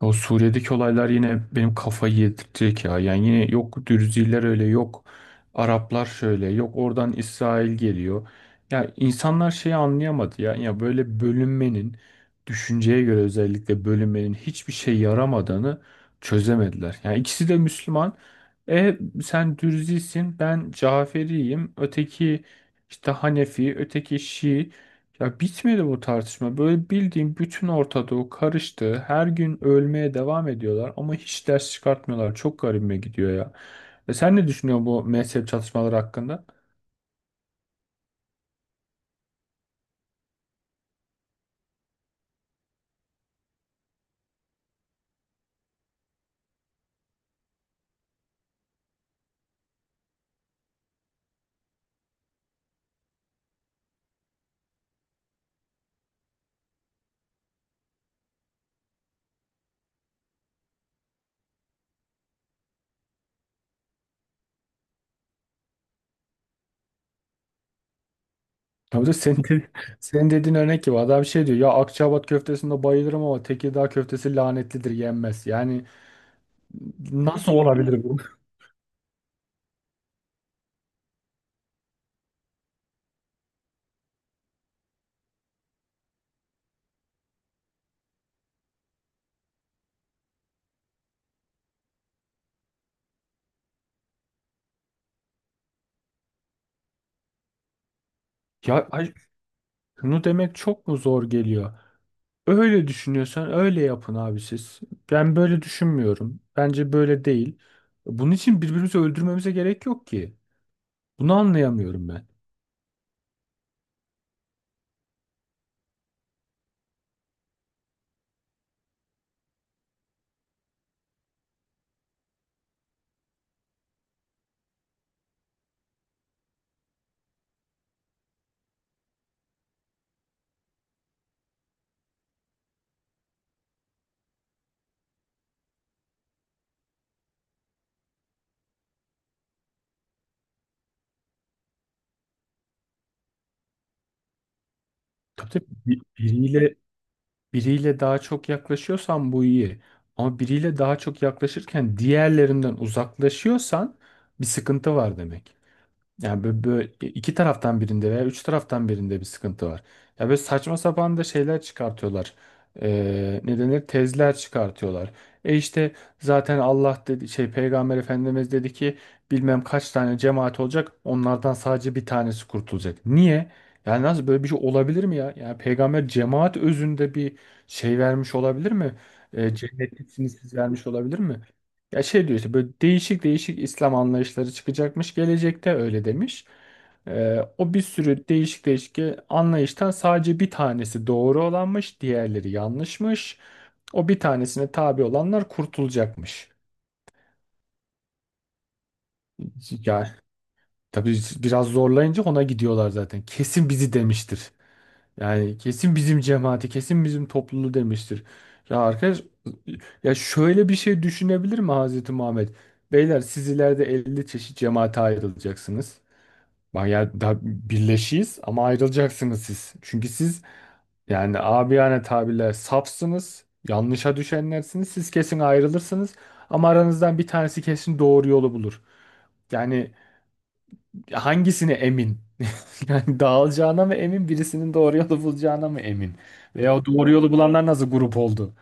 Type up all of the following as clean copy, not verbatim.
O Suriye'deki olaylar yine benim kafayı yedirtecek ya. Yani yine yok Dürziler öyle, yok Araplar şöyle, yok oradan İsrail geliyor. Ya insanlar şeyi anlayamadı ya. Ya böyle bölünmenin düşünceye göre özellikle bölünmenin hiçbir şey yaramadığını çözemediler. Yani ikisi de Müslüman. E sen Dürzisin, ben Caferiyim, öteki işte Hanefi, öteki Şii. Ya bitmedi bu tartışma. Böyle bildiğin bütün Orta Doğu karıştı. Her gün ölmeye devam ediyorlar ama hiç ders çıkartmıyorlar. Çok garibime gidiyor ya. E sen ne düşünüyorsun bu mezhep çatışmaları hakkında? Tabii de senin, senin dediğin örnek gibi adam şey diyor ya Akçaabat köftesinde bayılırım ama Tekirdağ köftesi lanetlidir yenmez. Yani nasıl olabilir bu? Ya ay, şunu demek çok mu zor geliyor? Öyle düşünüyorsan öyle yapın abi siz. Ben böyle düşünmüyorum. Bence böyle değil. Bunun için birbirimizi öldürmemize gerek yok ki. Bunu anlayamıyorum ben. Tabii tabii, biriyle daha çok yaklaşıyorsan bu iyi. Ama biriyle daha çok yaklaşırken diğerlerinden uzaklaşıyorsan bir sıkıntı var demek. Yani böyle, böyle iki taraftan birinde veya üç taraftan birinde bir sıkıntı var. Ya böyle saçma sapan da şeyler çıkartıyorlar. Ne denir? Tezler çıkartıyorlar. E işte zaten Allah dedi şey Peygamber Efendimiz dedi ki bilmem kaç tane cemaat olacak onlardan sadece bir tanesi kurtulacak. Niye? Yani nasıl böyle bir şey olabilir mi ya? Yani peygamber cemaat özünde bir şey vermiş olabilir mi? E, cennetlisiniz siz vermiş olabilir mi? Ya şey diyor işte böyle değişik değişik İslam anlayışları çıkacakmış gelecekte öyle demiş. O bir sürü değişik değişik anlayıştan sadece bir tanesi doğru olanmış, diğerleri yanlışmış. O bir tanesine tabi olanlar kurtulacakmış. Ya tabii biraz zorlayınca ona gidiyorlar zaten. Kesin bizi demiştir. Yani kesin bizim cemaati, kesin bizim topluluğu demiştir. Ya arkadaş, ya şöyle bir şey düşünebilir mi Hazreti Muhammed? Beyler siz ileride 50 çeşit cemaate ayrılacaksınız. Bak ya da birleşiyiz ama ayrılacaksınız siz. Çünkü siz yani abiyane tabirle safsınız, yanlışa düşenlersiniz. Siz kesin ayrılırsınız ama aranızdan bir tanesi kesin doğru yolu bulur. Yani hangisine emin? Yani dağılacağına mı emin, birisinin doğru yolu bulacağına mı emin? Veya o doğru yolu bulanlar nasıl grup oldu?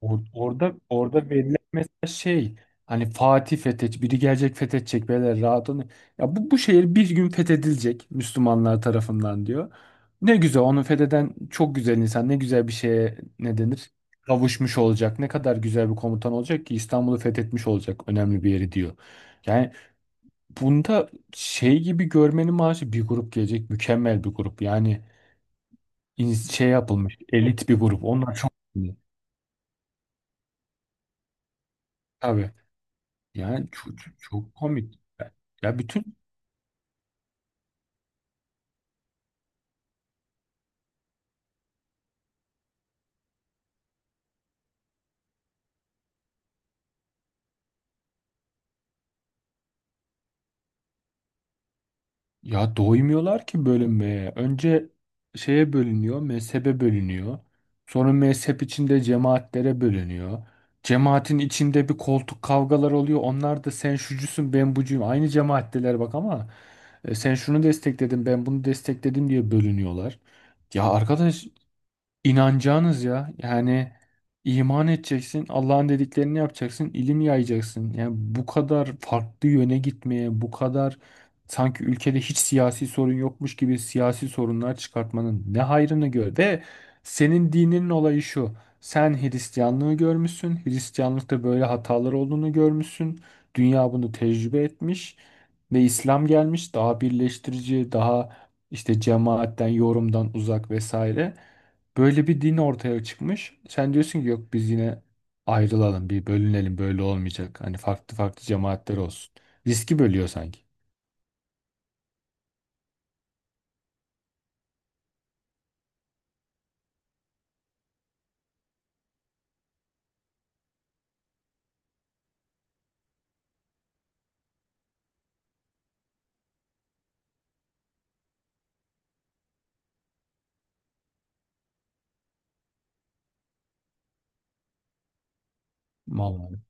Orada verilen mesela şey hani Fatih fethet, biri gelecek fethedecek beyler rahat olun. Ya bu şehir bir gün fethedilecek Müslümanlar tarafından diyor. Ne güzel onu fetheden çok güzel insan ne güzel bir şeye ne denir? Kavuşmuş olacak. Ne kadar güzel bir komutan olacak ki İstanbul'u fethetmiş olacak önemli bir yeri diyor. Yani bunda şey gibi görmenin maaşı bir grup gelecek mükemmel bir grup. Yani şey yapılmış elit bir grup. Onlar çok iyi. Tabii. Yani çok, çok, çok komik. Ya bütün, ya doymuyorlar ki bölünmeye. Önce şeye bölünüyor, mezhebe bölünüyor. Sonra mezhep içinde cemaatlere bölünüyor. Cemaatin içinde bir koltuk kavgalar oluyor. Onlar da sen şucusun ben bucuyum. Aynı cemaatteler bak ama sen şunu destekledin ben bunu destekledim diye bölünüyorlar. Ya arkadaş İnanacağınız ya. Yani iman edeceksin, Allah'ın dediklerini yapacaksın, ilim yayacaksın. Yani bu kadar farklı yöne gitmeye, bu kadar sanki ülkede hiç siyasi sorun yokmuş gibi siyasi sorunlar çıkartmanın ne hayrını gör. Ve senin dininin olayı şu. Sen Hristiyanlığı görmüşsün. Hristiyanlıkta böyle hatalar olduğunu görmüşsün. Dünya bunu tecrübe etmiş ve İslam gelmiş daha birleştirici, daha işte cemaatten, yorumdan uzak vesaire. Böyle bir din ortaya çıkmış. Sen diyorsun ki yok biz yine ayrılalım, bir bölünelim böyle olmayacak. Hani farklı farklı cemaatler olsun. Riski bölüyor sanki. Vallahi.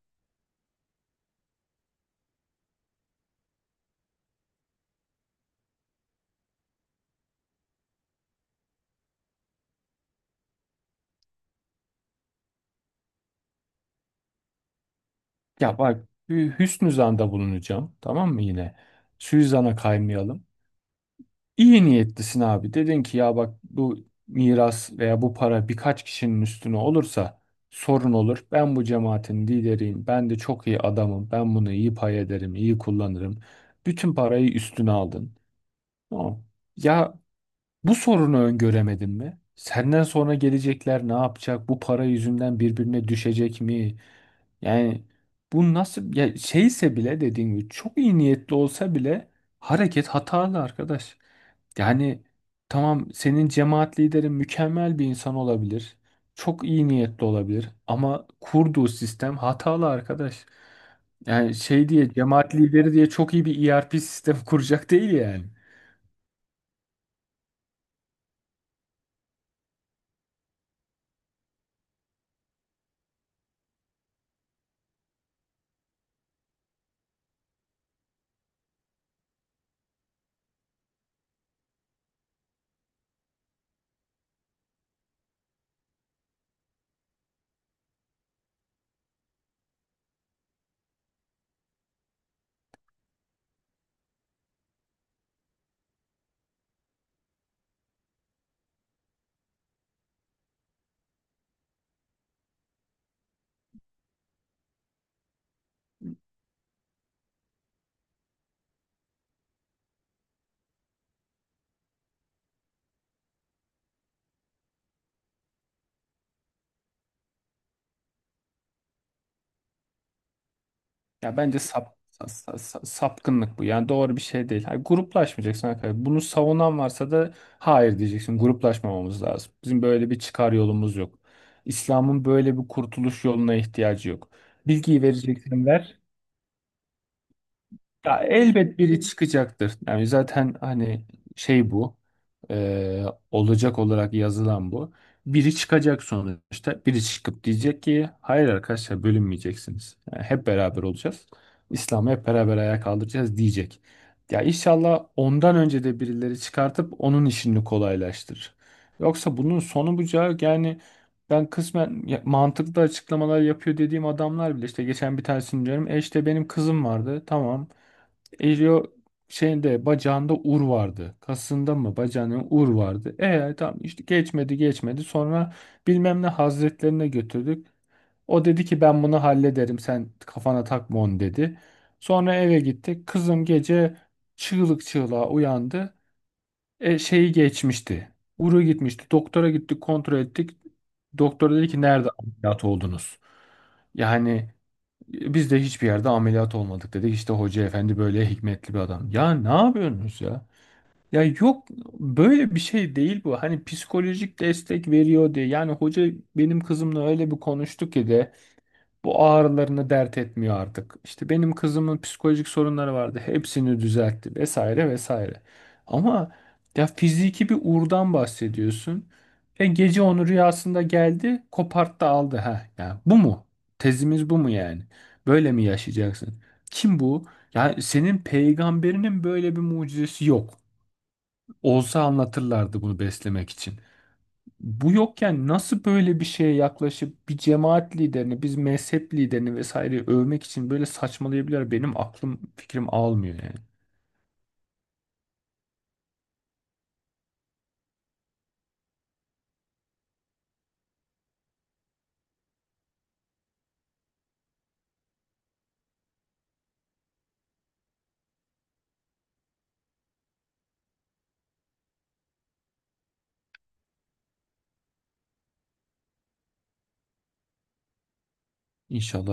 Ya bak bir hüsnü zanda bulunacağım tamam mı yine? Suizana kaymayalım. İyi niyetlisin abi. Dedin ki ya bak bu miras veya bu para birkaç kişinin üstüne olursa sorun olur. Ben bu cemaatin lideriyim. Ben de çok iyi adamım. Ben bunu iyi pay ederim, iyi kullanırım. Bütün parayı üstüne aldın. Tamam. Ya bu sorunu öngöremedin mi? Senden sonra gelecekler ne yapacak? Bu para yüzünden birbirine düşecek mi? Yani bu nasıl ya şeyse bile dediğim gibi çok iyi niyetli olsa bile hareket hatalı arkadaş. Yani tamam senin cemaat liderin mükemmel bir insan olabilir. Çok iyi niyetli olabilir ama kurduğu sistem hatalı arkadaş. Yani şey diye cemaat lideri diye çok iyi bir ERP sistem kuracak değil yani. Ya bence sapkınlık bu. Yani doğru bir şey değil. Hayır, gruplaşmayacaksın arkadaşlar. Bunu savunan varsa da hayır diyeceksin. Gruplaşmamamız lazım. Bizim böyle bir çıkar yolumuz yok. İslam'ın böyle bir kurtuluş yoluna ihtiyacı yok. Bilgiyi vereceksin ver. Ya elbet biri çıkacaktır. Yani zaten hani şey bu, e, olacak olarak yazılan bu. Biri çıkacak sonuçta. Biri çıkıp diyecek ki hayır arkadaşlar bölünmeyeceksiniz. Yani hep beraber olacağız. İslam'ı hep beraber ayağa kaldıracağız diyecek. Ya inşallah ondan önce de birileri çıkartıp onun işini kolaylaştırır. Yoksa bunun sonu bucağı yani ben kısmen mantıklı açıklamalar yapıyor dediğim adamlar bile işte geçen bir tanesini diyorum. E işte benim kızım vardı. Tamam. Elio şeyinde bacağında ur vardı. Kasında mı bacağının ur vardı. E tamam işte geçmedi. Sonra bilmem ne hazretlerine götürdük. O dedi ki ben bunu hallederim sen kafana takma onu dedi. Sonra eve gittik. Kızım gece çığlık çığlığa uyandı. E, şeyi geçmişti. Uru gitmişti. Doktora gittik kontrol ettik. Doktor dedi ki nerede ameliyat oldunuz? Yani biz de hiçbir yerde ameliyat olmadık dedi. İşte hoca efendi böyle hikmetli bir adam. Ya ne yapıyorsunuz ya? Ya yok böyle bir şey değil bu. Hani psikolojik destek veriyor diye. Yani hoca benim kızımla öyle bir konuştu ki de. Bu ağrılarını dert etmiyor artık. İşte benim kızımın psikolojik sorunları vardı. Hepsini düzeltti vesaire vesaire. Ama ya fiziki bir uğurdan bahsediyorsun. E gece onu rüyasında geldi, koparttı aldı. Ha, ya bu mu? Tezimiz bu mu yani? Böyle mi yaşayacaksın? Kim bu? Ya senin peygamberinin böyle bir mucizesi yok. Olsa anlatırlardı bunu beslemek için. Bu yokken nasıl böyle bir şeye yaklaşıp bir cemaat liderini, biz mezhep liderini vesaire övmek için böyle saçmalayabilir benim aklım fikrim almıyor yani. İnşallah